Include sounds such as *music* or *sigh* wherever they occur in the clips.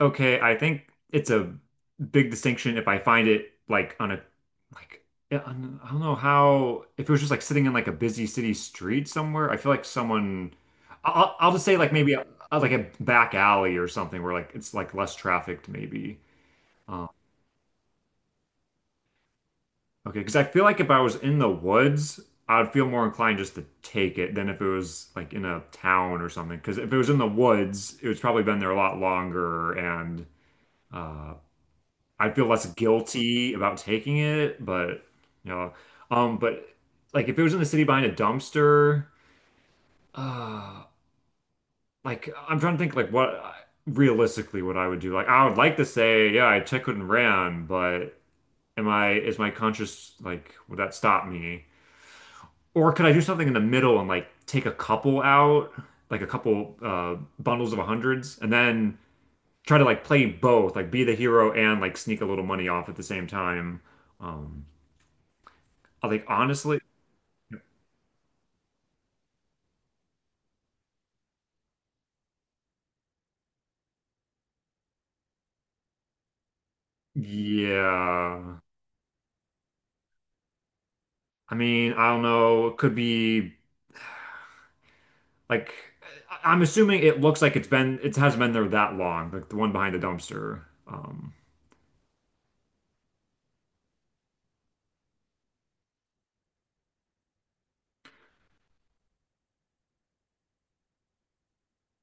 Okay, I think it's a big distinction if I find it like on a like yeah, on- I don't know how if it was just like sitting in like a busy city street somewhere. I feel like someone I'll just say like maybe a, like a back alley or something where like it's like less trafficked maybe. Um, okay, because I feel like if I was in the woods, I would feel more inclined just to take it than if it was like in a town or something. Because if it was in the woods, it was probably been there a lot longer and. Uh, I feel less guilty about taking it, but you know, but like if it was in the city behind a dumpster, uh, like I'm trying to think like what realistically what I would do. Like I would like to say, yeah, I took it and ran, but am I is my conscience like would that stop me? Or could I do something in the middle and like take a couple out, like a couple bundles of hundreds, and then try to like play both, like be the hero and like sneak a little money off at the same time. Um, I think honestly, yeah. I mean, I don't know. It could be like I- I'm assuming it looks like it's been it hasn't been there that long, like the one behind the dumpster.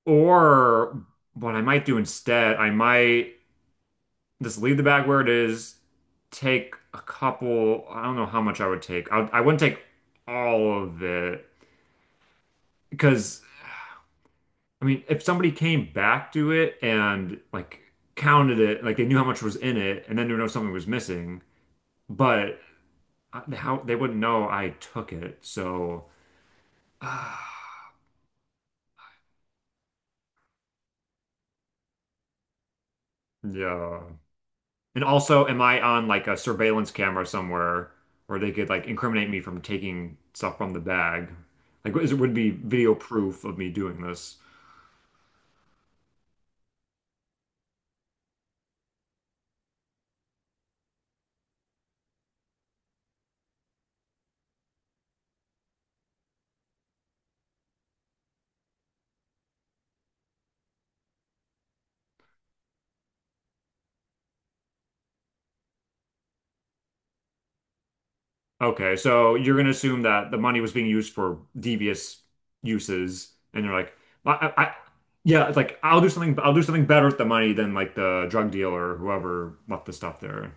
Or what I might do instead, I might just leave the bag where it is, take a couple. I don't know how much I would take. I wouldn't take all of it because I mean, if somebody came back to it and like counted it, like they knew how much was in it, and then they know something was missing. But how they wouldn't know I took it. So, *sighs* yeah. And also, am I on like a surveillance camera somewhere where they could like incriminate me from taking stuff from the bag? Like, is it would be video proof of me doing this? Okay, so you're gonna assume that the money was being used for devious uses, and you're like, I, I, I- yeah, it's like I'll do something better with the money than like the drug dealer or whoever left the stuff there.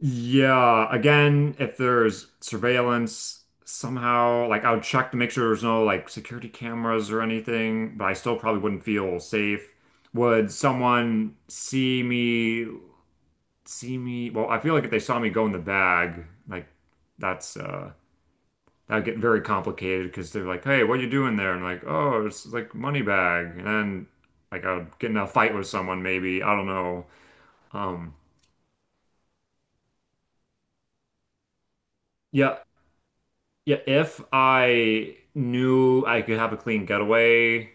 Yeah, again, if there's surveillance somehow, like I would check to make sure there's no like security cameras or anything, but I still probably wouldn't feel safe. Would someone see me, see me? Well, I feel like if they saw me go in the bag, like that's that'd get very complicated because they're like, "Hey, what are you doing there?" And like, "Oh, it's like money bag." And then like I would get in a fight with someone maybe. I don't know. Um yeah, yeah, if I knew I could have a clean getaway,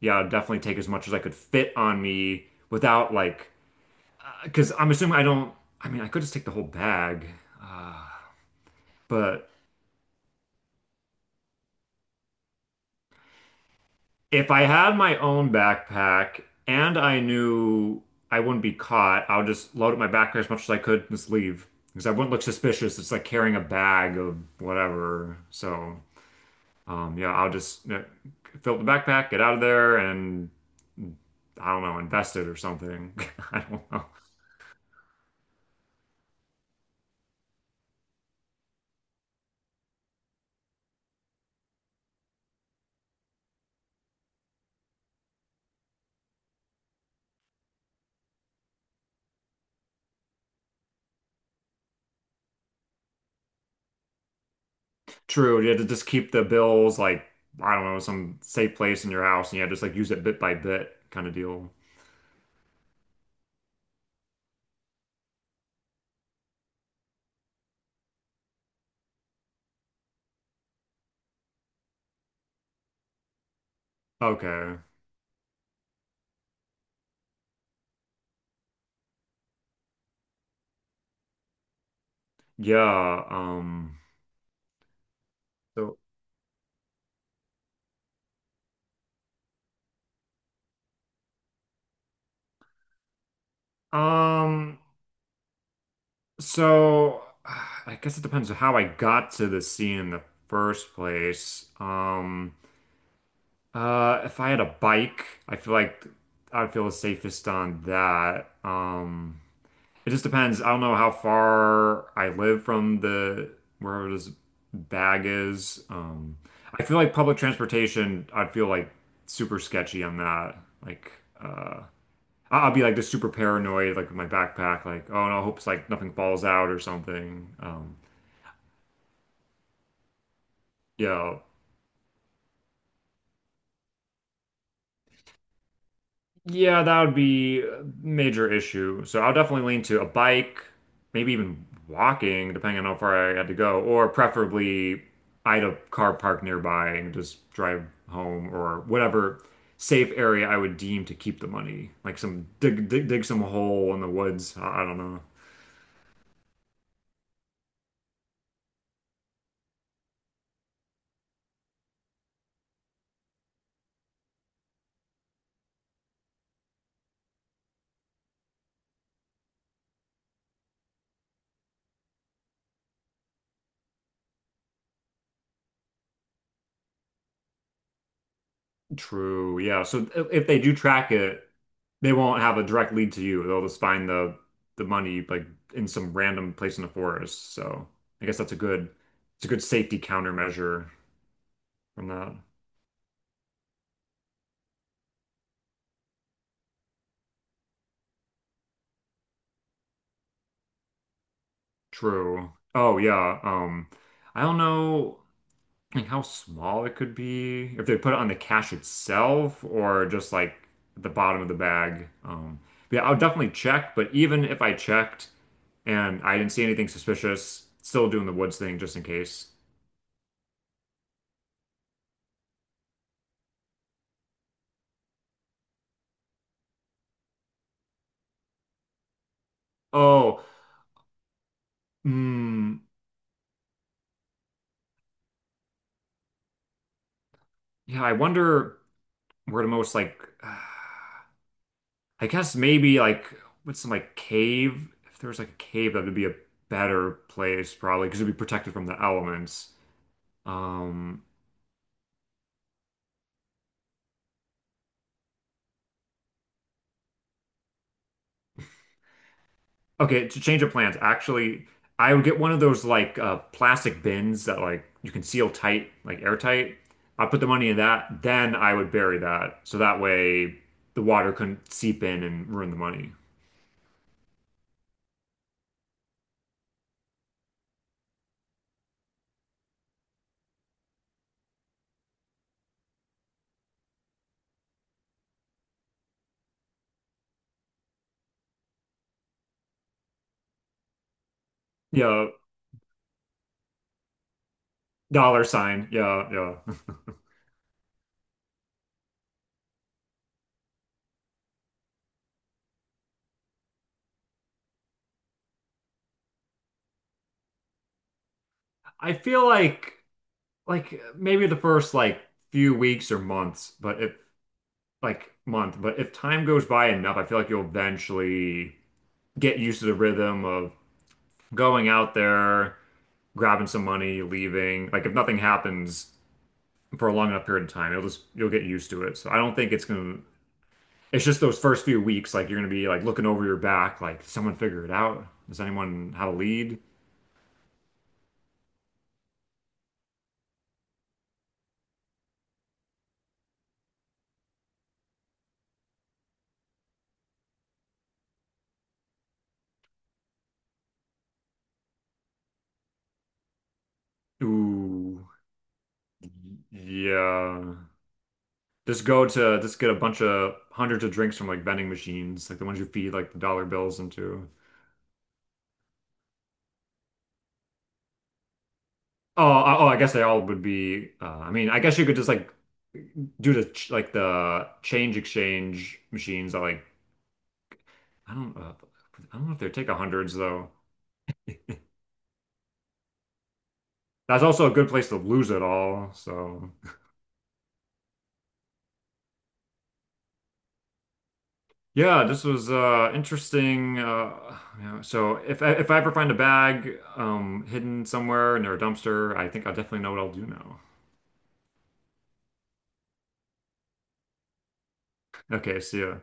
yeah, I'd definitely take as much as I could fit on me without like, because I'm assuming I don't, I mean, I could just take the whole bag. Uh, but if I had my own backpack and I knew I wouldn't be caught, I would just load up my backpack as much as I could and just leave because I wouldn't look suspicious. It's like carrying a bag of whatever. So, yeah, I'll just fill up the backpack, get out of there, and I don't know, invested or something. *laughs* I don't know. True, you had to just keep the bills like I don't know, some safe place in your house, and yeah, just like use it bit by bit kind of deal. Okay. Yeah. So. Um. So. *sighs* I guess it depends on how I got to the sea in the first place. If I had a bike, I feel like I'd feel the safest on that. It just depends. I don't know how far I live from the where this bag is. I feel like public transportation, I'd feel like super sketchy on that. Like, uh, I- I'll be like just super paranoid, like with my backpack, like, oh no, I hope it's like nothing falls out or something. Yeah, yeah, that would be a major issue. So I'll definitely lean to a bike, maybe even walking, depending on how far I had to go, or preferably I had a car park nearby and just drive home or whatever safe area I would deem to keep the money. Like dig some hole in the woods. I don't know. True. Yeah. So if they do track it, they won't have a direct lead to you. They'll just find the money like in some random place in the forest. So I guess that's a good it's a good safety countermeasure from that. True. Oh yeah. I don't know. Like how small it could be if they put it on the cash itself or just like the bottom of the bag. But yeah, I'll definitely check. But even if I checked and I didn't see anything suspicious, still doing the woods thing just in case. Oh, mm, yeah. I wonder where the most like *sighs* I guess maybe like with some like cave. If there was like a cave, that would be a better place probably because it'd be protected from the elements. Um, Okay, to change of plans, actually, I would get one of those like plastic bins that like you can seal tight, like airtight. I put the money in that, then I would bury that, so that way the water couldn't seep in and ruin the money. Yeah, dollar sign. Yeah, yeah. *laughs* I feel like maybe the first like few weeks or months, but if like month, but if time goes by enough, I feel like you'll eventually get used to the rhythm of going out there, grabbing some money, leaving. Like if nothing happens for a long enough period of time, it'll just you'll get used to it. So I don't think it's gonna. It's just those first few weeks, like you're gonna be like looking over your back, like "Did someone figure it out. Does anyone have a lead? Ooh, yeah. Just go to just get a bunch of hundreds of drinks from like vending machines, like the ones you feed like the dollar bills into. Oh, I guess they all would be. I mean, I guess you could just like do the ch- like the change exchange machines that like I don't uh, I don't know if they take hundreds though. That's also a good place to lose it all. So yeah, this was interesting. Yeah, so if I ever find a bag hidden somewhere near a dumpster, I think I definitely know what I'll do now. Okay, see ya.